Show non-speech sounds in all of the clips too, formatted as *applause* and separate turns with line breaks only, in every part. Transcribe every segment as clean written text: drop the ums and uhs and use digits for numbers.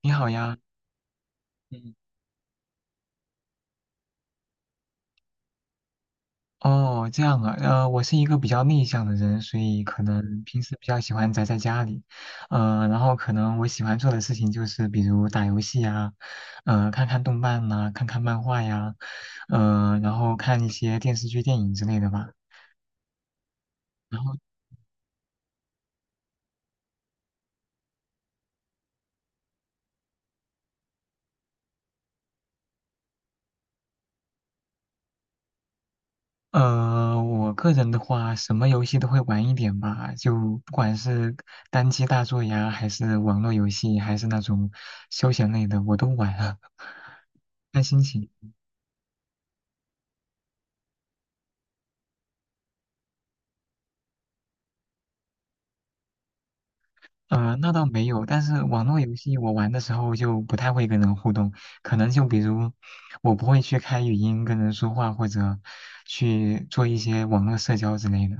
你好呀，嗯，哦，这样啊，我是一个比较内向的人，所以可能平时比较喜欢宅在家里，然后可能我喜欢做的事情就是比如打游戏呀，看看动漫呐、看看漫画呀，然后看一些电视剧、电影之类的吧。然后，我个人的话，什么游戏都会玩一点吧，就不管是单机大作呀，还是网络游戏，还是那种休闲类的，我都玩了，*laughs* 看心情。那倒没有，但是网络游戏我玩的时候就不太会跟人互动，可能就比如我不会去开语音跟人说话，或者去做一些网络社交之类的。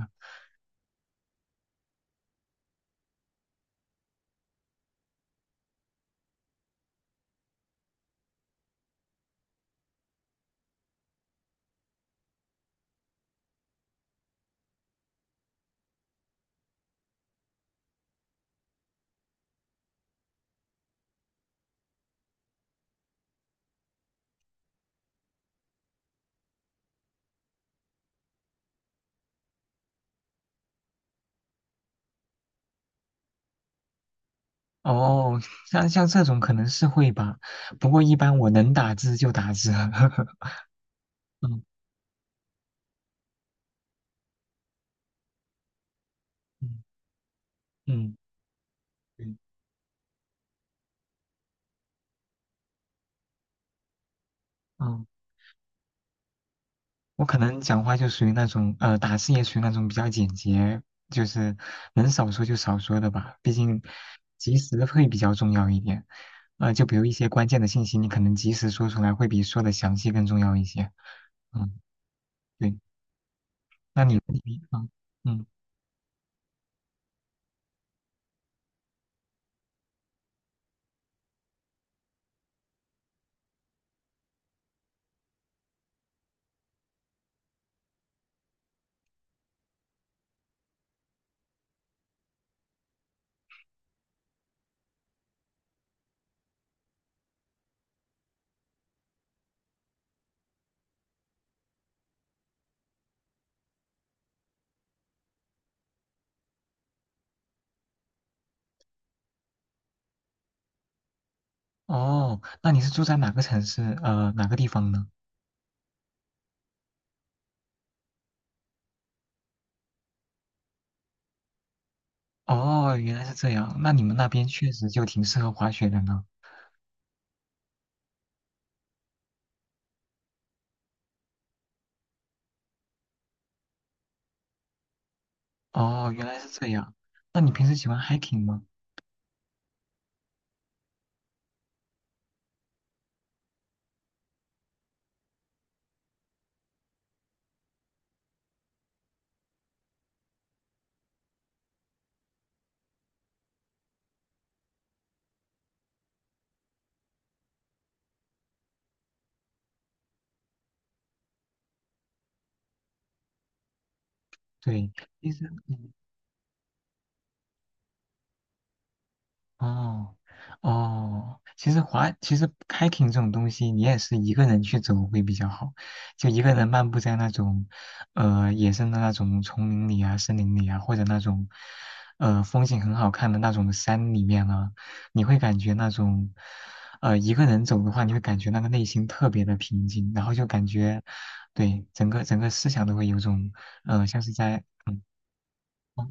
哦，像这种可能是会吧，不过一般我能打字就打字。*laughs* 嗯嗯嗯，对，嗯。我可能讲话就属于那种，打字也属于那种比较简洁，就是能少说就少说的吧。毕竟及时会比较重要一点。就比如一些关键的信息，你可能及时说出来，会比说的详细更重要一些。嗯，对。那你你嗯嗯哦，那你是住在哪个城市？哪个地方呢？哦，原来是这样。那你们那边确实就挺适合滑雪的呢。哦，原来是这样。那你平时喜欢 hiking 吗？对，其实，嗯哦哦，其实滑，其实 hiking 这种东西，你也是一个人去走会比较好，就一个人漫步在那种，野生的那种丛林里啊、森林里啊，或者那种，风景很好看的那种山里面啊，你会感觉那种，一个人走的话，你会感觉那个内心特别的平静，然后就感觉，对，整个思想都会有种，像是在，哦，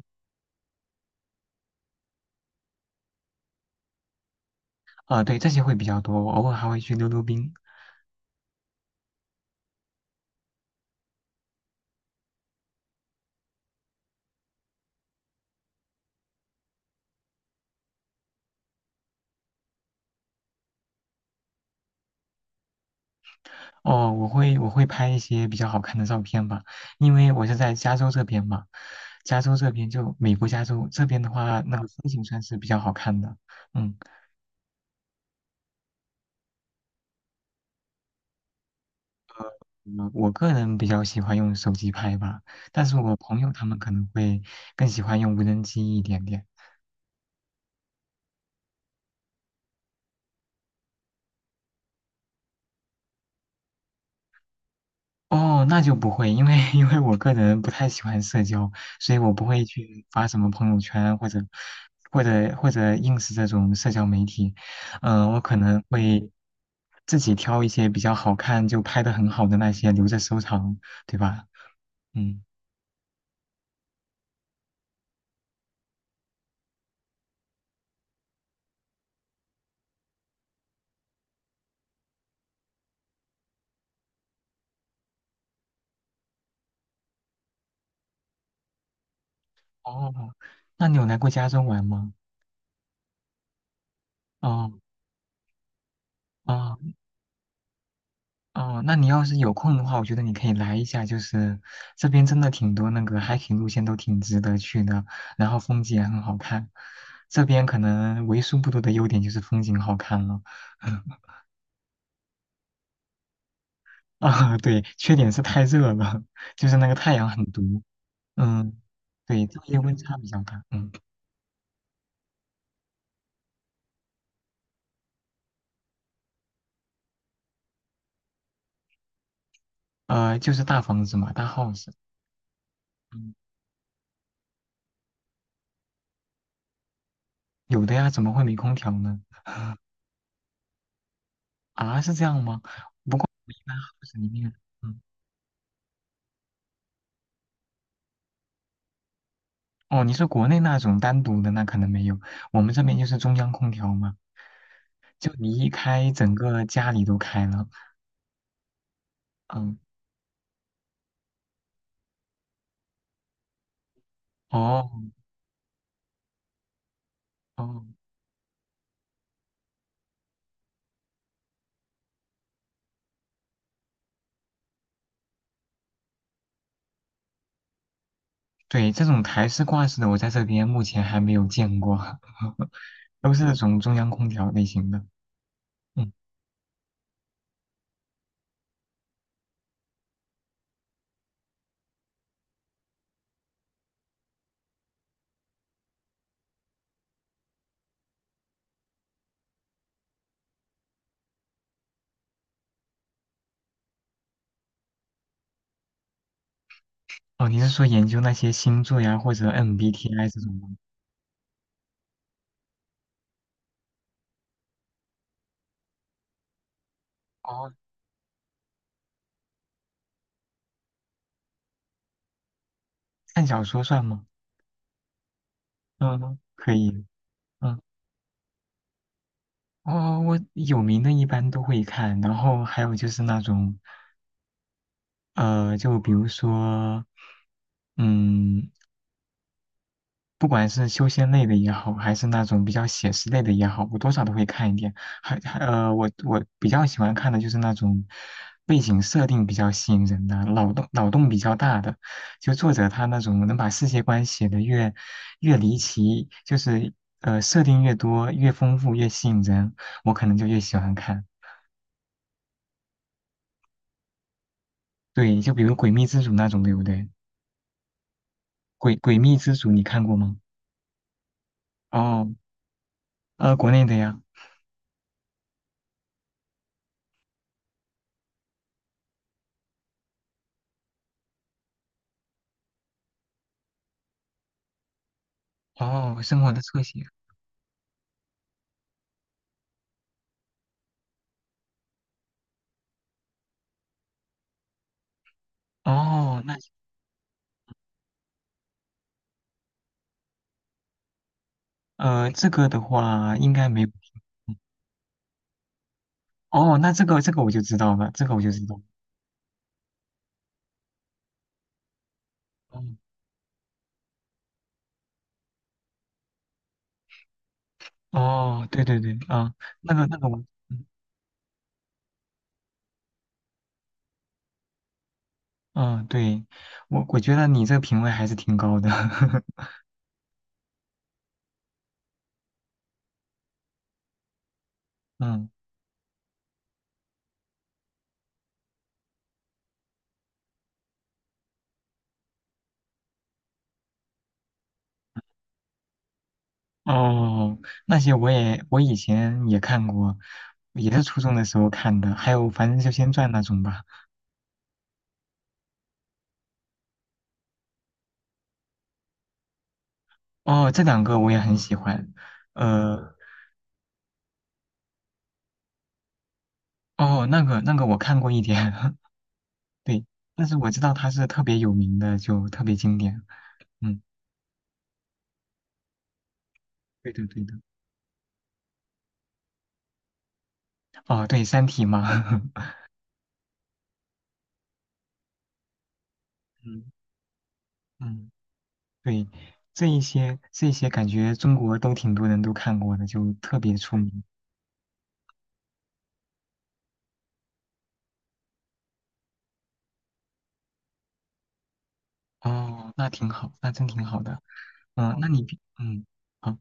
对，这些会比较多，我偶尔还会去溜溜冰。哦，我会拍一些比较好看的照片吧，因为我是在加州这边嘛，加州这边就美国加州这边的话，那个风景算是比较好看的。嗯，我个人比较喜欢用手机拍吧，但是我朋友他们可能会更喜欢用无人机一点点。哦，那就不会，因为 *laughs* 因为我个人不太喜欢社交，所以我不会去发什么朋友圈或者 ins 这种社交媒体。嗯、我可能会自己挑一些比较好看就拍的很好的那些留着收藏，对吧？嗯，哦，那你有来过加州玩吗？哦哦。哦，那你要是有空的话，我觉得你可以来一下，就是这边真的挺多那个 hiking 路线都挺值得去的，然后风景也很好看。这边可能为数不多的优点就是风景好看了，*laughs* 啊，对，缺点是太热了，就是那个太阳很毒，嗯，对，昼夜温差比较大，嗯，就是大房子嘛，大 house，嗯，有的呀，怎么会没空调呢？啊，是这样吗？我一般 house 里面，嗯。哦，你是国内那种单独的，那可能没有。我们这边就是中央空调嘛，就你一开，整个家里都开了。嗯，哦哦，对，这种台式挂式的，我在这边目前还没有见过，*laughs* 都是那种中央空调类型的。嗯，哦，你是说研究那些星座呀，或者 MBTI 这种吗？哦，看小说算吗？嗯，可以。嗯，哦，我有名的一般都会看，然后还有就是那种。就比如说，嗯，不管是修仙类的也好，还是那种比较写实类的也好，我多少都会看一点。还还呃，我比较喜欢看的就是那种背景设定比较吸引人的，脑洞比较大的，就作者他那种能把世界观写得越离奇，就是设定越多、越丰富、越吸引人，我可能就越喜欢看。对，就比如《诡秘之主》那种，对不对？诡秘之主》你看过吗？哦，国内的呀。哦，生活的侧写。哦，那这个的话应该没。哦，那这个我就知道了，这个我就知道了。嗯哦，对对对，啊，那个我，嗯，啊对，我觉得你这个品味还是挺高的。*laughs* 嗯，哦，那些我以前也看过，也是初中的时候看的，还有《凡人修仙传》那种吧。哦，这两个我也很喜欢。呃，哦，那个我看过一点，*laughs* 对，但是我知道他是特别有名的，就特别经典。嗯，对的对的。哦，对，《三体》嘛。*laughs* 嗯嗯，对，这一些感觉中国都挺多人都看过的，就特别出名。哦，那挺好，那真挺好的。嗯，那你平嗯好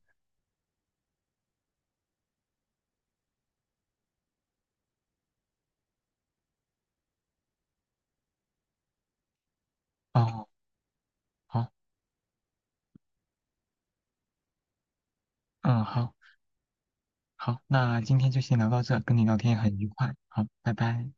哦好嗯好好，那今天就先聊到这，跟你聊天很愉快。好，拜拜。